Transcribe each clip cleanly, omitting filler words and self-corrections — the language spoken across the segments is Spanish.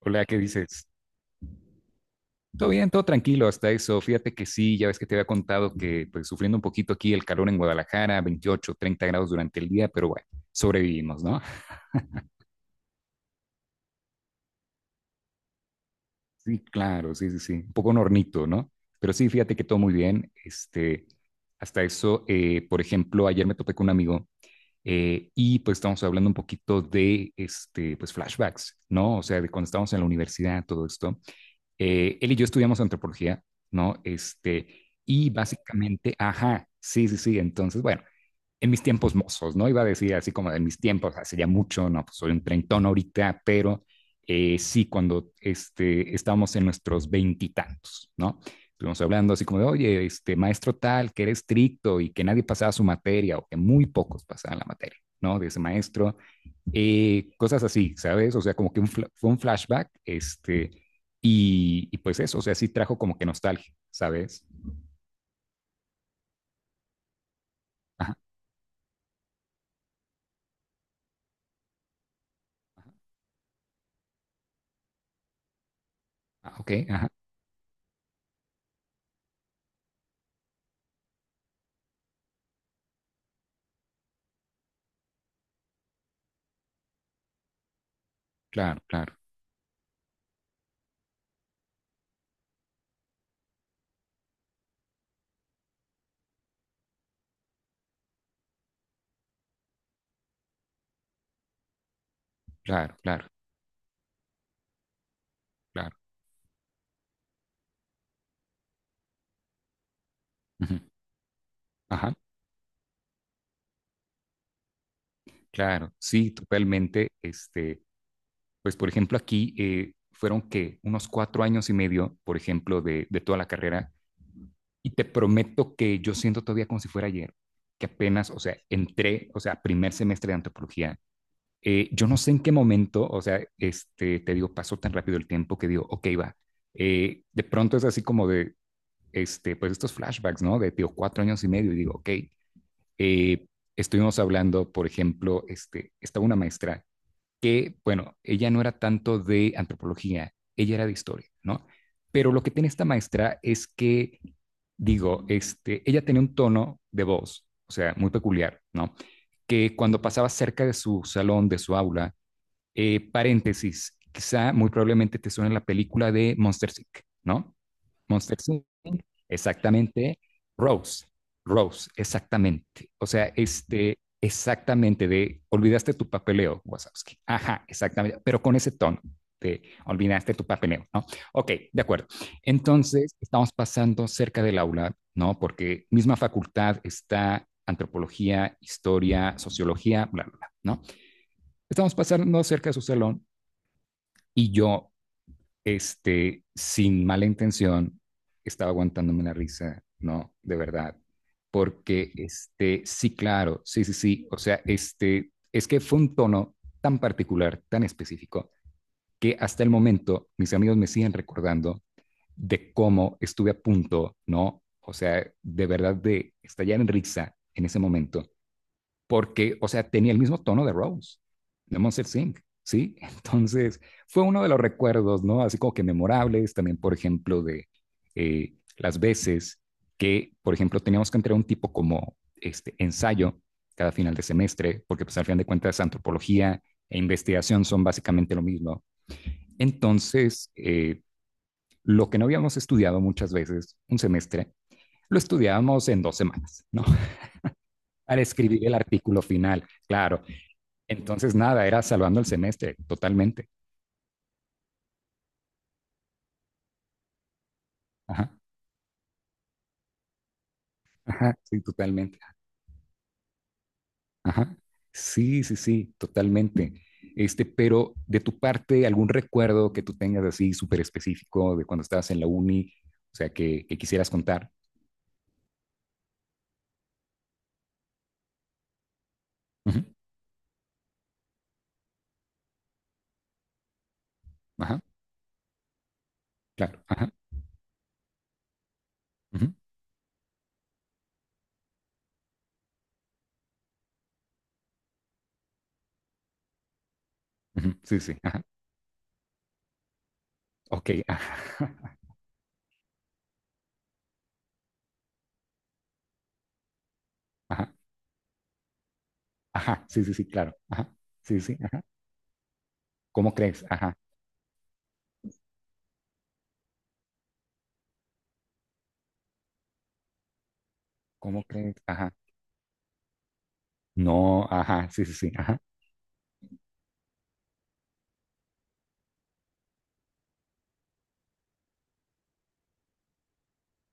Hola, ¿qué dices? Todo bien, todo tranquilo hasta eso. Fíjate que sí, ya ves que te había contado que pues sufriendo un poquito aquí el calor en Guadalajara, 28, 30 grados durante el día, pero bueno, sobrevivimos, ¿no? Sí, claro, sí, sí, sí. Un poco un hornito, ¿no? Pero sí, fíjate que todo muy bien. Hasta eso, por ejemplo, ayer me topé con un amigo y pues estábamos hablando un poquito de, pues flashbacks, ¿no? O sea, de cuando estábamos en la universidad, todo esto. Él y yo estudiamos antropología, ¿no? Y básicamente, ajá, sí, sí, sí. Entonces, bueno, en mis tiempos mozos, ¿no? Iba a decir así como en mis tiempos, hace ya mucho, no, pues soy un treintón ahorita, pero sí, cuando estábamos en nuestros veintitantos, ¿no? Estuvimos hablando así como de, oye, este maestro tal, que era estricto y que nadie pasaba su materia o que muy pocos pasaban la materia, ¿no? De ese maestro cosas así, ¿sabes? O sea, como que fue un flashback, y pues eso, o sea, sí trajo como que nostalgia, ¿sabes? Ajá, ah, ok, ajá, claro, claro, claro, claro, claro, ujú, ajá, claro, sí, totalmente, pues por ejemplo aquí fueron que unos 4 años y medio, por ejemplo, de toda la carrera, y te prometo que yo siento todavía como si fuera ayer, que apenas, o sea, entré, o sea, primer semestre de antropología. Yo no sé en qué momento, o sea, te digo, pasó tan rápido el tiempo que digo, ok, va. De pronto es así como de, pues estos flashbacks, ¿no? De, digo, 4 años y medio y digo, ok, eh, estuvimos hablando, por ejemplo, estaba una maestra que, bueno, ella no era tanto de antropología, ella era de historia, ¿no? Pero lo que tiene esta maestra es que, digo, ella tenía un tono de voz, o sea, muy peculiar, ¿no? Que cuando pasaba cerca de su salón, de su aula, paréntesis, quizá muy probablemente te suene la película de Monster Inc., ¿no? Monster Inc., exactamente. Rose, Rose, exactamente. O sea, exactamente de olvidaste tu papeleo, Wazowski. Ajá, exactamente, pero con ese tono. Te olvidaste tu papeleo, ¿no? Ok, de acuerdo. Entonces, estamos pasando cerca del aula, ¿no? Porque misma facultad está antropología, historia, sociología, bla, bla, bla, ¿no? Estamos pasando cerca de su salón y yo, sin mala intención, estaba aguantándome la risa, ¿no? De verdad. Porque, sí, claro, sí, sí, sí. O sea, es que fue un tono tan particular, tan específico, que hasta el momento mis amigos me siguen recordando de cómo estuve a punto, ¿no? O sea, de verdad de estallar en risa en ese momento porque, o sea, tenía el mismo tono de Rose, de Monster Singh, ¿sí? Entonces, fue uno de los recuerdos, ¿no? Así como que memorables, también, por ejemplo, de las veces que, por ejemplo, teníamos que entregar un tipo como este ensayo cada final de semestre, porque pues al final de cuentas antropología e investigación son básicamente lo mismo. Entonces, lo que no habíamos estudiado muchas veces, un semestre, lo estudiábamos en 2 semanas, ¿no? Para escribir el artículo final. Claro, entonces, nada, era salvando el semestre, totalmente. Ajá, ajá, sí, totalmente. Ajá. Sí, sí, sí, totalmente. Pero de tu parte, ¿algún recuerdo que tú tengas así súper específico de cuando estabas en la uni? O sea, que quisieras contar. Ujú, ajá, claro. Ajá, ujú, ujú, sí, sí. Ajá. Ok. Ajá, ajá, ajá, sí, sí, sí, claro. Ajá. Sí, sí. Ajá. ¿Cómo crees? Ajá. ¿Cómo crees? Ajá. No, ajá. Sí, sí, sí. Ajá.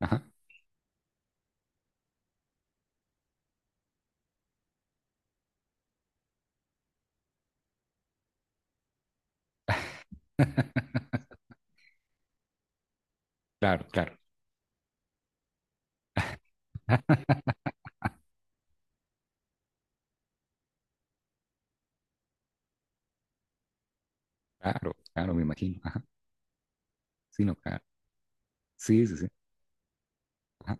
Ajá. Claro, claro. Claro, claro, me imagino. Ajá, sí, no, claro. Sí, sí, sí. Ajá,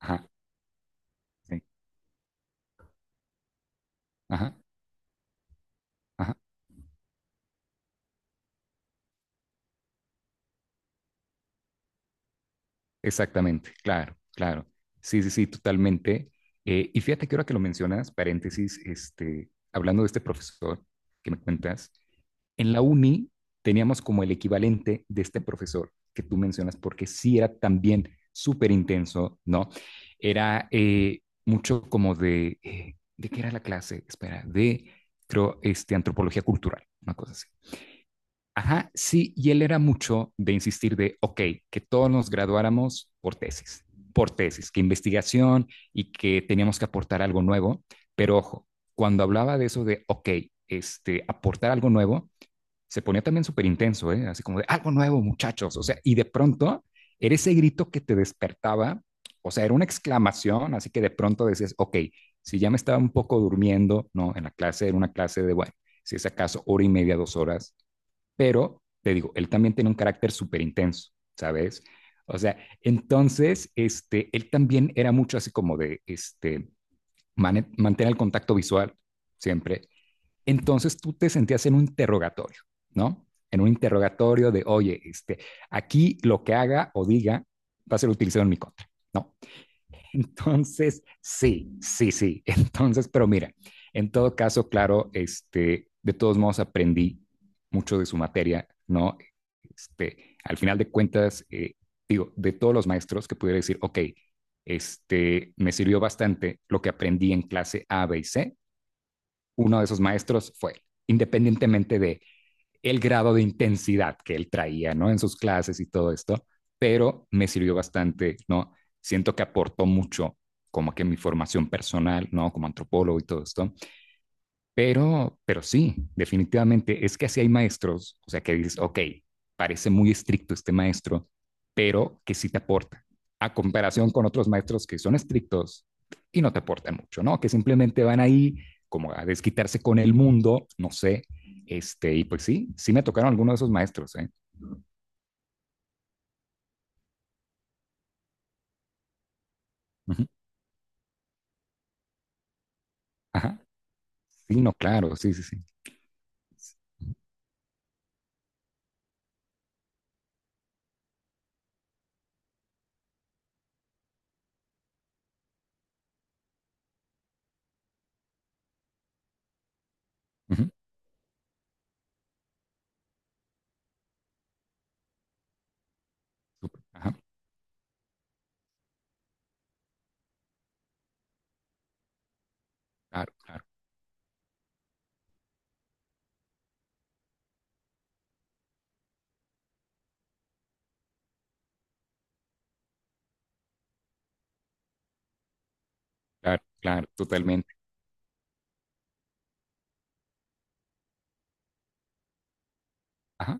ajá, sí. Ajá, ajá. Exactamente, claro, claro. Sí, sí, sí, totalmente. Y fíjate que ahora que lo mencionas, paréntesis, hablando de este profesor que me cuentas, en la uni teníamos como el equivalente de este profesor que tú mencionas, porque sí era también súper intenso, ¿no? Era mucho como ¿de qué era la clase? Espera, de, creo, antropología cultural, una cosa así. Ajá, sí, y él era mucho de insistir de, ok, que todos nos graduáramos por tesis, que investigación y que teníamos que aportar algo nuevo, pero ojo, cuando hablaba de eso de, ok, aportar algo nuevo, se ponía también súper intenso, ¿eh? Así como de, algo nuevo, muchachos, o sea, y de pronto era ese grito que te despertaba, o sea, era una exclamación, así que de pronto decías, ok, si ya me estaba un poco durmiendo, ¿no? En la clase, era una clase de, bueno, si es acaso hora y media, 2 horas, pero te digo, él también tiene un carácter súper intenso, ¿sabes? O sea, entonces, él también era mucho así como de, mantener el contacto visual siempre. Entonces tú te sentías en un interrogatorio, ¿no? En un interrogatorio de, oye, aquí lo que haga o diga va a ser utilizado en mi contra, ¿no? Entonces, sí, sí, sí. Entonces, pero mira, en todo caso, claro, de todos modos aprendí mucho de su materia, ¿no? Al final de cuentas, digo, de todos los maestros que pudiera decir, ok, me sirvió bastante lo que aprendí en clase A, B y C, uno de esos maestros fue, él, independientemente de el grado de intensidad que él traía, ¿no? En sus clases y todo esto, pero me sirvió bastante, ¿no? Siento que aportó mucho como que mi formación personal, ¿no? Como antropólogo y todo esto, pero sí, definitivamente es que así hay maestros, o sea, que dices, ok, parece muy estricto este maestro, pero que sí te aporta, a comparación con otros maestros que son estrictos y no te aportan mucho, ¿no? Que simplemente van ahí como a desquitarse con el mundo, no sé, y pues sí, sí me tocaron algunos de esos maestros, ¿eh? Ujú, ajá, sí, no, claro, sí, sí, sí. Ujú, súper, ajá, claro, claro, claro, claro, totalmente. Ajá,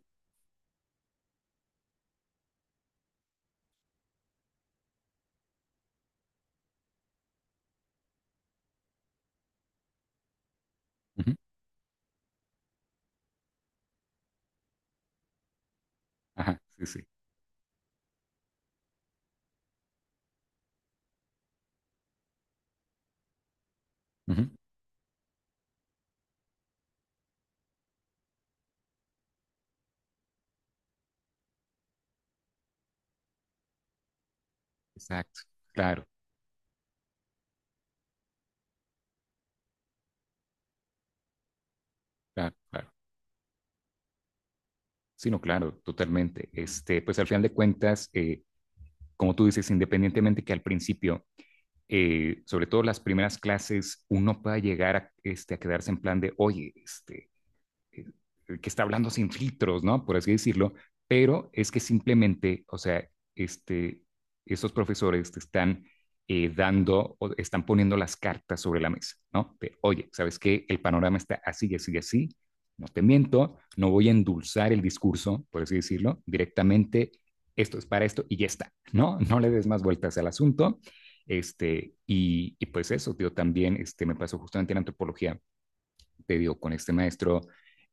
ujú, ajá, sí, sí. Ujú, exacto, claro. Claro, claro. Sí, no, claro, totalmente. Pues al final de cuentas, como tú dices, independientemente que al principio, sobre todo las primeras clases, uno pueda llegar a quedarse en plan de, oye, que está hablando sin filtros, ¿no? Por así decirlo, pero es que simplemente, o sea, este, estos profesores te están dando, o están poniendo las cartas sobre la mesa, ¿no? De, oye, ¿sabes qué? El panorama está así, así, así, no te miento, no voy a endulzar el discurso, por así decirlo, directamente, esto es para esto y ya está, ¿no? No le des más vueltas al asunto. Y pues eso, tío, también me pasó justamente en antropología, te digo, con este maestro,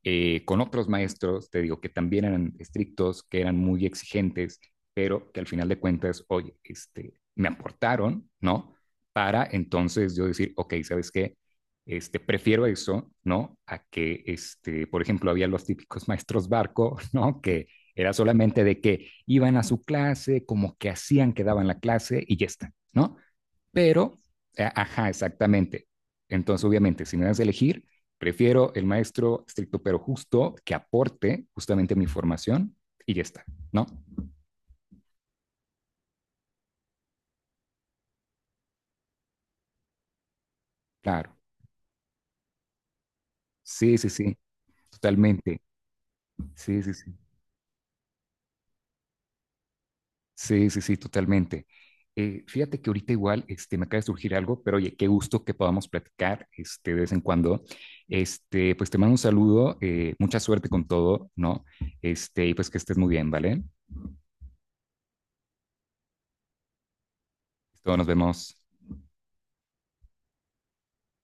con otros maestros, te digo, que también eran estrictos, que eran muy exigentes, pero que al final de cuentas, oye, me aportaron, ¿no? Para entonces yo decir, ok, ¿sabes qué? Prefiero eso, ¿no? A que, por ejemplo, había los típicos maestros barco, ¿no? Que era solamente de que iban a su clase, como que hacían que daban la clase y ya está, ¿no? Pero, ajá, exactamente. Entonces, obviamente, si me das a elegir, prefiero el maestro estricto pero justo que aporte justamente a mi formación y ya está, ¿no? Claro. Sí, sí, sí, totalmente. Sí, sí, sí. Sí, sí, sí, totalmente. Fíjate que ahorita igual me acaba de surgir algo, pero oye, qué gusto que podamos platicar de vez en cuando. Pues te mando un saludo, mucha suerte con todo, ¿no? Y pues que estés muy bien, ¿vale? Todos nos vemos.